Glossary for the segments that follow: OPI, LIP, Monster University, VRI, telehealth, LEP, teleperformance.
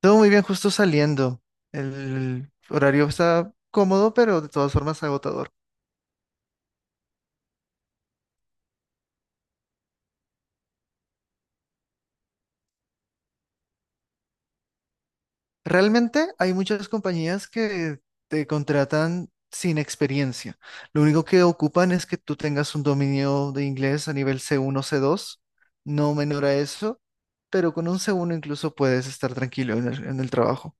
Todo muy bien, justo saliendo. El horario está cómodo, pero de todas formas agotador. Realmente hay muchas compañías que te contratan sin experiencia. Lo único que ocupan es que tú tengas un dominio de inglés a nivel C1, C2, no menor a eso, pero con un C1 incluso puedes estar tranquilo en en el trabajo.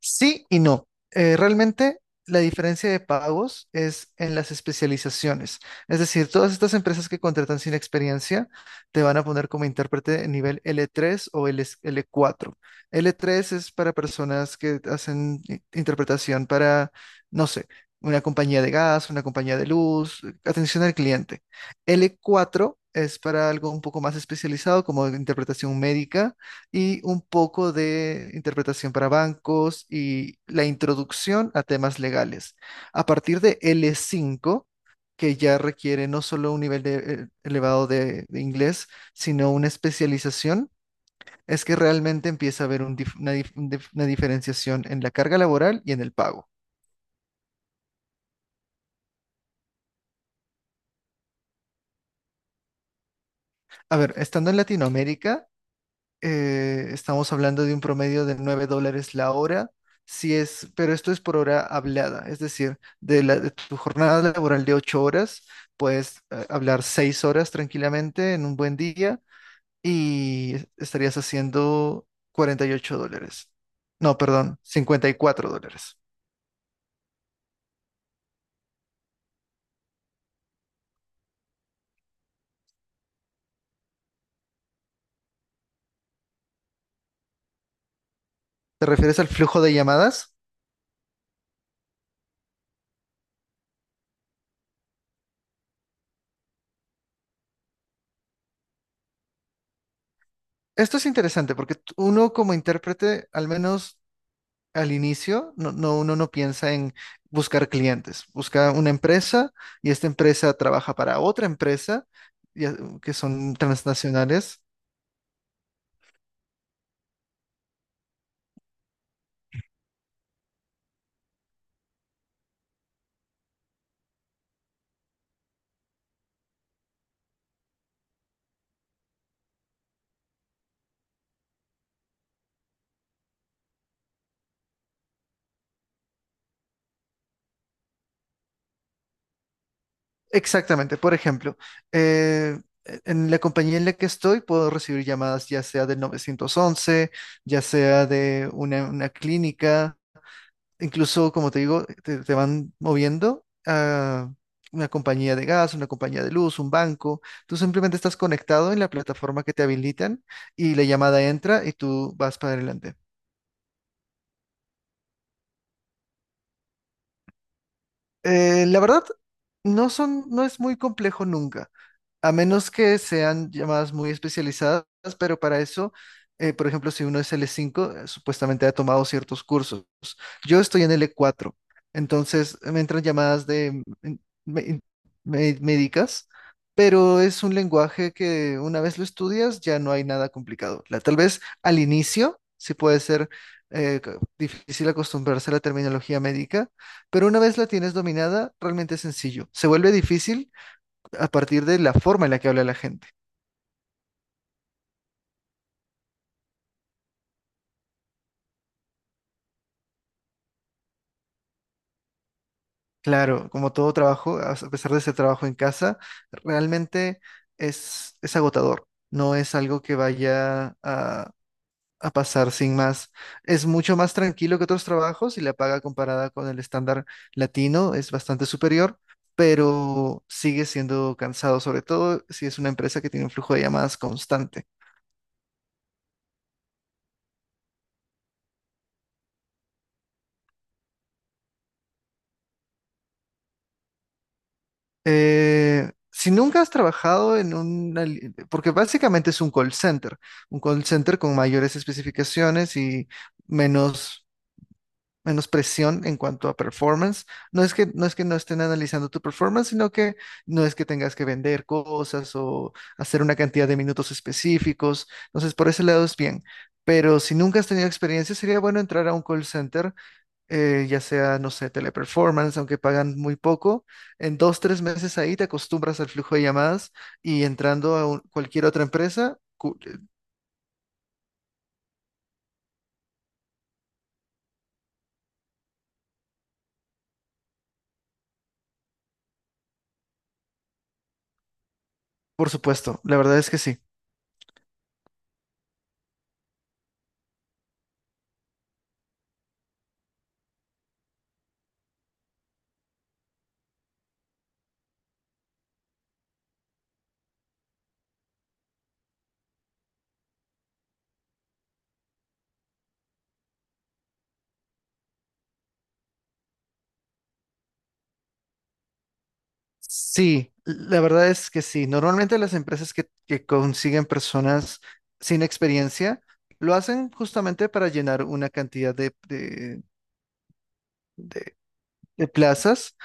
Sí y no. Realmente la diferencia de pagos es en las especializaciones. Es decir, todas estas empresas que contratan sin experiencia te van a poner como intérprete de nivel L3 o L, L4. L3 es para personas que hacen interpretación para, no sé, una compañía de gas, una compañía de luz, atención al cliente. L4 es para algo un poco más especializado como interpretación médica y un poco de interpretación para bancos y la introducción a temas legales. A partir de L5, que ya requiere no solo un nivel elevado de inglés, sino una especialización, es que realmente empieza a haber un dif- una, dif- un dif- una diferenciación en la carga laboral y en el pago. A ver, estando en Latinoamérica, estamos hablando de un promedio de $9 la hora, si es, pero esto es por hora hablada, es decir, de tu jornada laboral de 8 horas, puedes hablar 6 horas tranquilamente en un buen día y estarías haciendo $48. No, perdón, $54. ¿Te refieres al flujo de llamadas? Esto es interesante porque uno como intérprete, al menos al inicio, uno no piensa en buscar clientes. Busca una empresa y esta empresa trabaja para otra empresa y, que son transnacionales. Exactamente. Por ejemplo, eh, en la compañía en la que estoy puedo recibir llamadas ya sea del 911, ya sea de una clínica. Incluso, como te digo, te van moviendo a una compañía de gas, una compañía de luz, un banco. Tú simplemente estás conectado en la plataforma que te habilitan y la llamada entra y tú vas para adelante. La verdad, no es muy complejo nunca, a menos que sean llamadas muy especializadas, pero para eso, por ejemplo, si uno es L5, supuestamente ha tomado ciertos cursos. Yo estoy en L4, entonces me entran llamadas de mm, me- médicas, pero es un lenguaje que una vez lo estudias ya no hay nada complicado. La- tal vez al inicio sí puede ser difícil acostumbrarse a la terminología médica, pero una vez la tienes dominada, realmente es sencillo. Se vuelve difícil a partir de la forma en la que habla la gente. Claro, como todo trabajo, a pesar de ser trabajo en casa, realmente es agotador. No es algo que vaya a pasar sin más. Es mucho más tranquilo que otros trabajos y la paga comparada con el estándar latino es bastante superior, pero sigue siendo cansado, sobre todo si es una empresa que tiene un flujo de llamadas constante. Si nunca has trabajado en un, porque básicamente es un call center con mayores especificaciones y menos, menos presión en cuanto a performance. No es que no estén analizando tu performance, sino que no es que tengas que vender cosas o hacer una cantidad de minutos específicos. Entonces, por ese lado es bien. Pero si nunca has tenido experiencia, sería bueno entrar a un call center, ya sea, no sé, teleperformance, aunque pagan muy poco. En dos, tres meses ahí te acostumbras al flujo de llamadas y entrando a cualquier otra empresa, por supuesto, la verdad es que sí. Sí, la verdad es que sí. Normalmente las empresas que consiguen personas sin experiencia lo hacen justamente para llenar una cantidad de- de plazas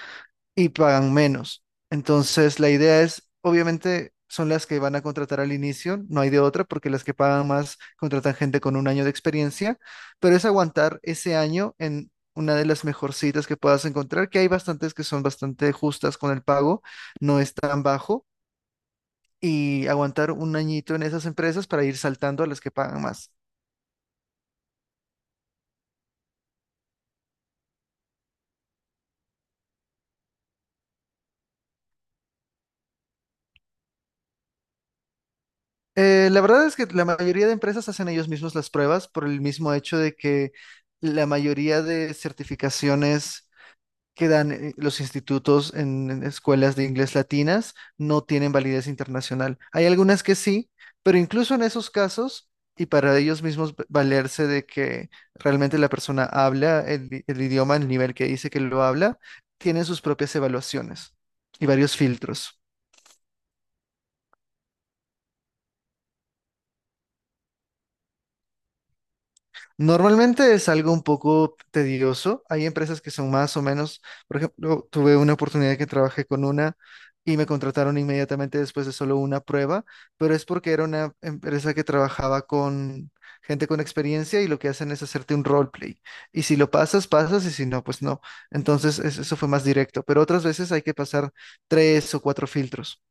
y pagan menos. Entonces, la idea es, obviamente, son las que van a contratar al inicio, no hay de otra, porque las que pagan más contratan gente con un año de experiencia, pero es aguantar ese año en una de las mejorcitas que puedas encontrar, que hay bastantes que son bastante justas con el pago, no es tan bajo, y aguantar un añito en esas empresas para ir saltando a las que pagan más. La verdad es que la mayoría de empresas hacen ellos mismos las pruebas por el mismo hecho de que la mayoría de certificaciones que dan los institutos en escuelas de inglés latinas no tienen validez internacional. Hay algunas que sí, pero incluso en esos casos, y para ellos mismos valerse de que realmente la persona habla el idioma, el nivel que dice que lo habla, tienen sus propias evaluaciones y varios filtros. Normalmente es algo un poco tedioso. Hay empresas que son más o menos, por ejemplo, tuve una oportunidad que trabajé con una y me contrataron inmediatamente después de solo una prueba, pero es porque era una empresa que trabajaba con gente con experiencia y lo que hacen es hacerte un roleplay. Y si lo pasas, pasas y si no, pues no. Entonces eso fue más directo, pero otras veces hay que pasar tres o cuatro filtros.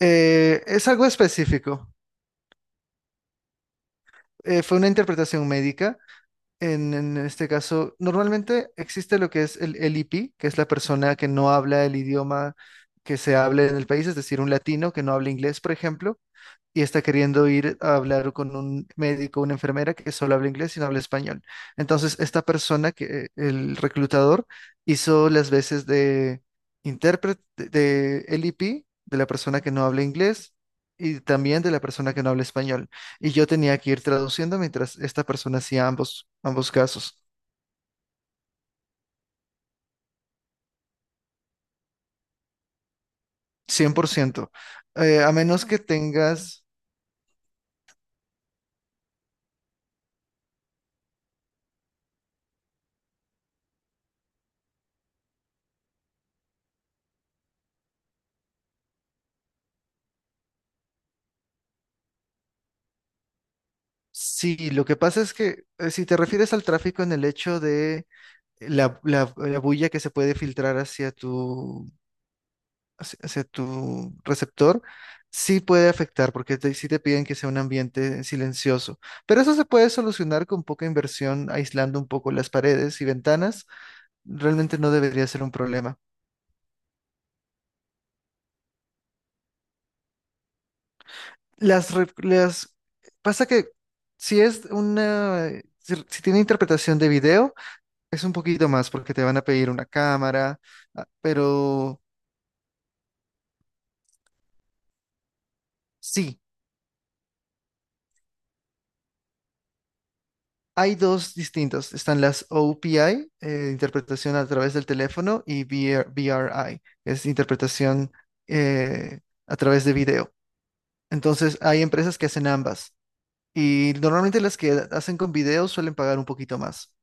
Es algo específico. Fue una interpretación médica. En este caso, normalmente existe lo que es el LIP, que es la persona que no habla el idioma que se hable en el país, es decir, un latino que no habla inglés, por ejemplo, y está queriendo ir a hablar con un médico, una enfermera que solo habla inglés y no habla español. Entonces, esta persona, que el reclutador, hizo las veces de intérprete de LEP, de la persona que no habla inglés y también de la persona que no habla español. Y yo tenía que ir traduciendo mientras esta persona hacía ambos, ambos casos, 100%. A menos que tengas... Sí, lo que pasa es que si te refieres al tráfico en el hecho de la bulla que se puede filtrar hacia hacia tu receptor, sí puede afectar, porque sí te piden que sea un ambiente silencioso. Pero eso se puede solucionar con poca inversión, aislando un poco las paredes y ventanas. Realmente no debería ser un problema. Las, re- las, Pasa que si es una, si, si tiene interpretación de video, es un poquito más, porque te van a pedir una cámara, ah, pero... Sí. Hay dos distintos. Están las OPI, interpretación a través del teléfono, y VR VRI, es interpretación, eh, a través de video. Entonces, hay empresas que hacen ambas. Y normalmente las que hacen con video suelen pagar un poquito más.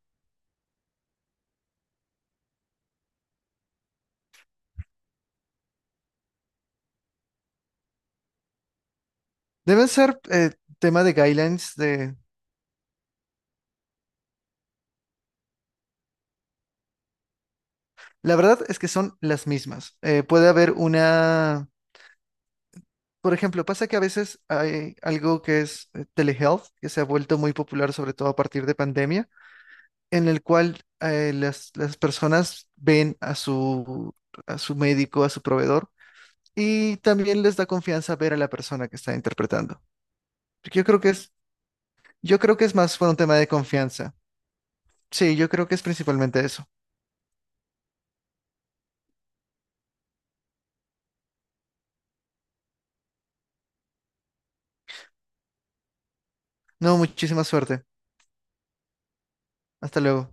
Deben ser tema de guidelines de... La verdad es que son las mismas. Puede haber una... Por ejemplo, pasa que a veces hay algo que es, telehealth, que se ha vuelto muy popular, sobre todo a partir de pandemia, en el cual, las personas ven a a su médico, a su proveedor, y también les da confianza ver a la persona que está interpretando. Yo creo que es, yo creo que es más por un tema de confianza. Sí, yo creo que es principalmente eso. No, muchísima suerte. Hasta luego.